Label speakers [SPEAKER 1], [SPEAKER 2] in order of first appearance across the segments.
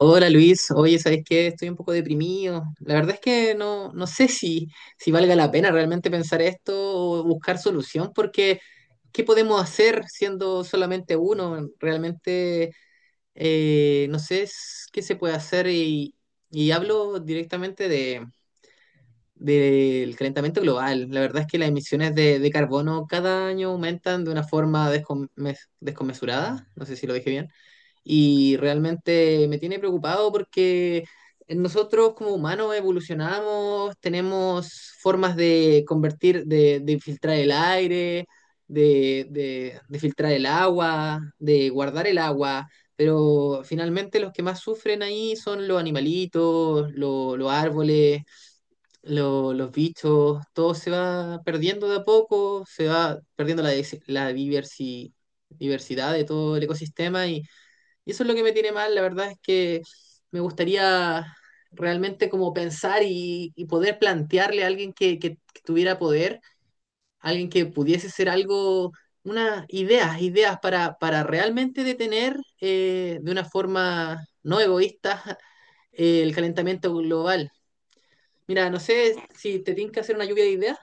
[SPEAKER 1] Hola Luis, oye, ¿sabes qué? Estoy un poco deprimido. La verdad es que no, no sé si valga la pena realmente pensar esto o buscar solución, porque ¿qué podemos hacer siendo solamente uno? Realmente no sé qué se puede hacer y hablo directamente del calentamiento global. La verdad es que las emisiones de carbono cada año aumentan de una forma descomesurada. No sé si lo dije bien. Y realmente me tiene preocupado porque nosotros como humanos evolucionamos, tenemos formas de convertir, de filtrar el aire, de filtrar el agua, de guardar el agua, pero finalmente los que más sufren ahí son los animalitos, los árboles, los bichos, todo se va perdiendo de a poco, se va perdiendo la diversidad de todo el ecosistema y eso es lo que me tiene mal, la verdad es que me gustaría realmente como pensar y poder plantearle a alguien que tuviera poder, alguien que pudiese ser algo, unas ideas para realmente detener de una forma no egoísta el calentamiento global. Mira, no sé si te tinca hacer una lluvia de ideas.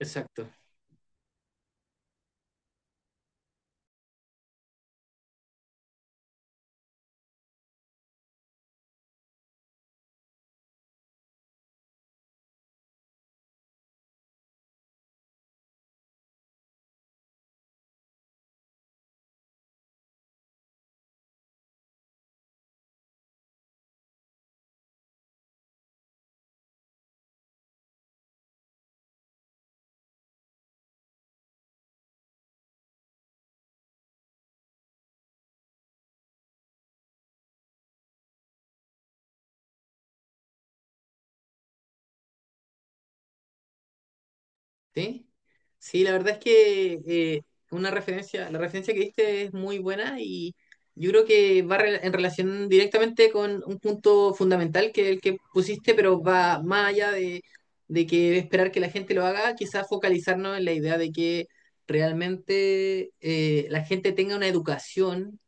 [SPEAKER 1] Exacto. Sí, sí, la verdad es que una referencia, la referencia que diste es muy buena y yo creo que va en relación directamente con un punto fundamental que es el que pusiste, pero va más allá de que esperar que la gente lo haga, quizás focalizarnos en la idea de que realmente la gente tenga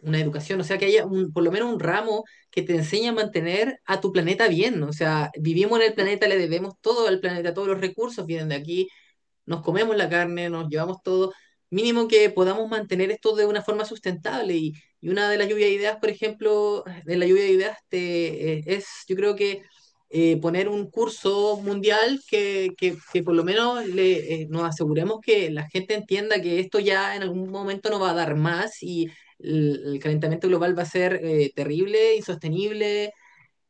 [SPEAKER 1] una educación, o sea, que haya por lo menos un ramo que te enseñe a mantener a tu planeta bien, ¿no? O sea, vivimos en el planeta, le debemos todo al planeta, todos los recursos vienen de aquí, nos comemos la carne, nos llevamos todo, mínimo que podamos mantener esto de una forma sustentable. Y una de las lluvias de ideas, por ejemplo, de la lluvia de ideas es, yo creo que poner un curso mundial que por lo menos nos aseguremos que la gente entienda que esto ya en algún momento no va a dar más y el calentamiento global va a ser terrible, insostenible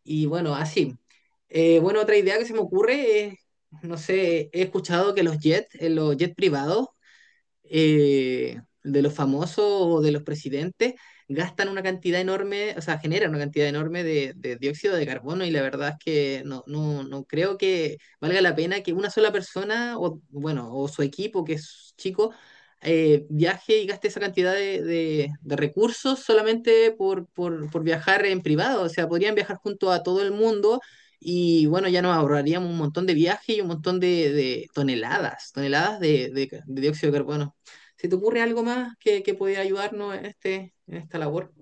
[SPEAKER 1] y bueno, así. Bueno, otra idea que se me ocurre es, no sé, he escuchado que los jets privados, de los famosos o de los presidentes gastan una cantidad enorme, o sea, generan una cantidad enorme de dióxido de carbono y la verdad es que no, no, no creo que valga la pena que una sola persona o, bueno, o su equipo que es chico viaje y gaste esa cantidad de recursos solamente por viajar en privado. O sea, podrían viajar junto a todo el mundo y bueno, ya nos ahorraríamos un montón de viajes y un montón de toneladas, toneladas de dióxido de carbono. ¿Se te ocurre algo más que pudiera ayudarnos en, este, en esta labor?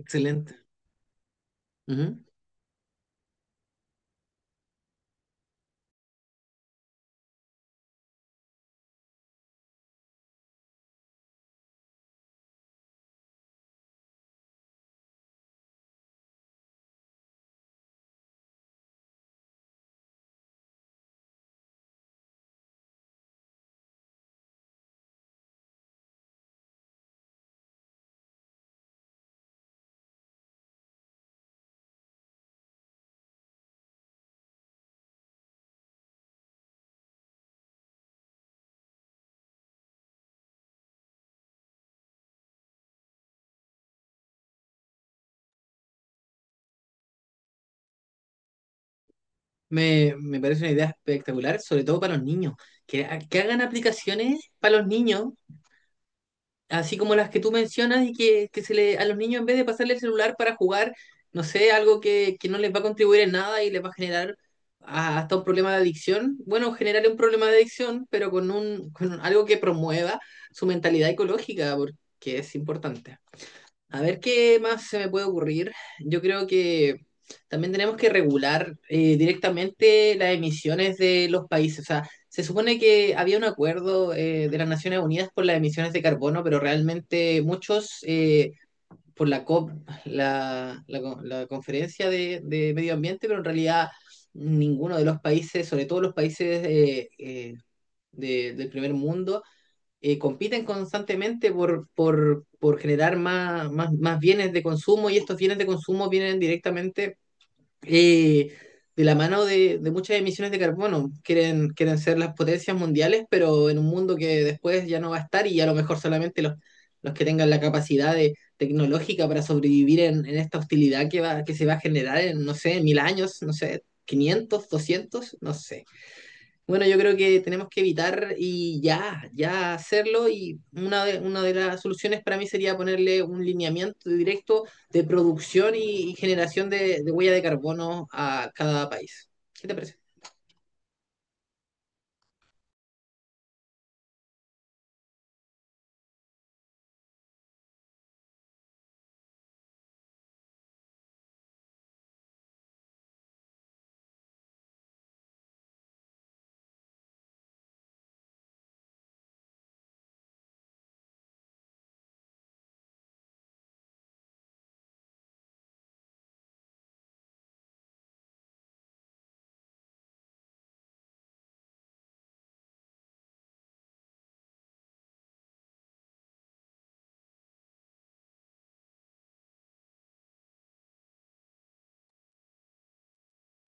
[SPEAKER 1] Excelente. Ujú. Me parece una idea espectacular, sobre todo para los niños. Que hagan aplicaciones para los niños, así como las que tú mencionas, y que a los niños, en vez de pasarle el celular para jugar, no sé, algo que no les va a contribuir en nada y les va a generar hasta un problema de adicción. Bueno, generar un problema de adicción, pero con algo que promueva su mentalidad ecológica, porque es importante. A ver qué más se me puede ocurrir. Yo creo que también tenemos que regular directamente las emisiones de los países. O sea, se supone que había un acuerdo de las Naciones Unidas por las emisiones de carbono, pero realmente muchos, por la COP, la conferencia de medio ambiente, pero en realidad ninguno de los países, sobre todo los países del primer mundo, compiten constantemente por generar más bienes de consumo y estos bienes de consumo vienen directamente eh, de la mano de muchas emisiones de carbono. Quieren ser las potencias mundiales, pero en un mundo que después ya no va a estar y a lo mejor solamente los que tengan la capacidad tecnológica para sobrevivir esta hostilidad que se va a generar en, no sé, 1000 años, no sé, 500 200 no sé. Bueno, yo creo que tenemos que evitar y ya, hacerlo. Y una de las soluciones para mí sería ponerle un lineamiento directo de producción y generación de huella de carbono a cada país. ¿Qué te parece?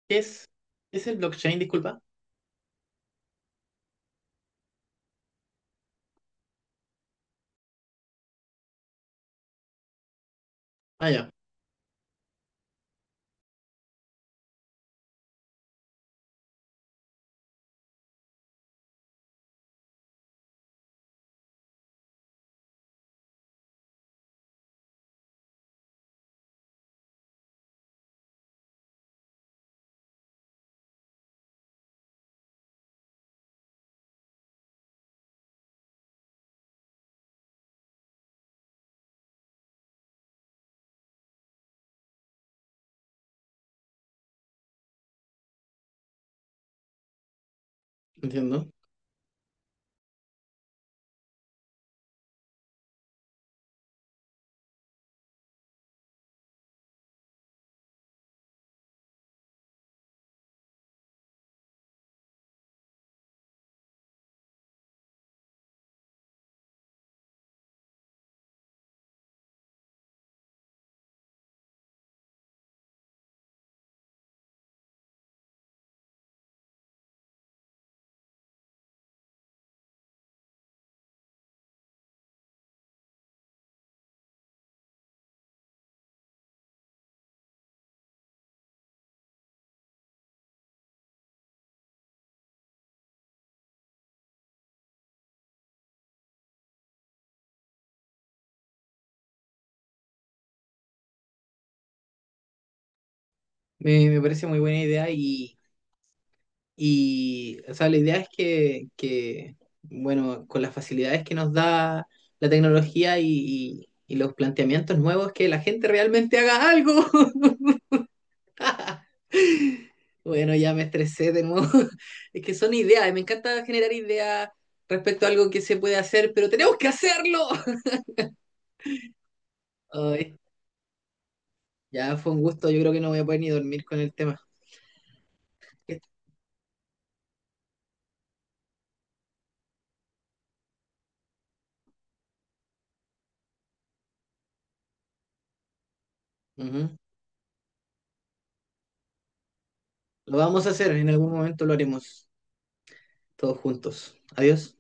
[SPEAKER 1] ¿Qué es el blockchain? Disculpa. Ah, ya, entiendo. Me parece muy buena idea o sea, la idea es que, bueno, con las facilidades que nos da la tecnología y, y y los planteamientos nuevos, que la gente realmente haga algo. Bueno, ya me estresé de nuevo. Es que son ideas, y me encanta generar ideas respecto a algo que se puede hacer, pero tenemos que hacerlo. Ay, ya fue un gusto, yo creo que no voy a poder ni dormir con el tema. Ujú. Lo vamos a hacer, en algún momento lo haremos todos juntos. Adiós.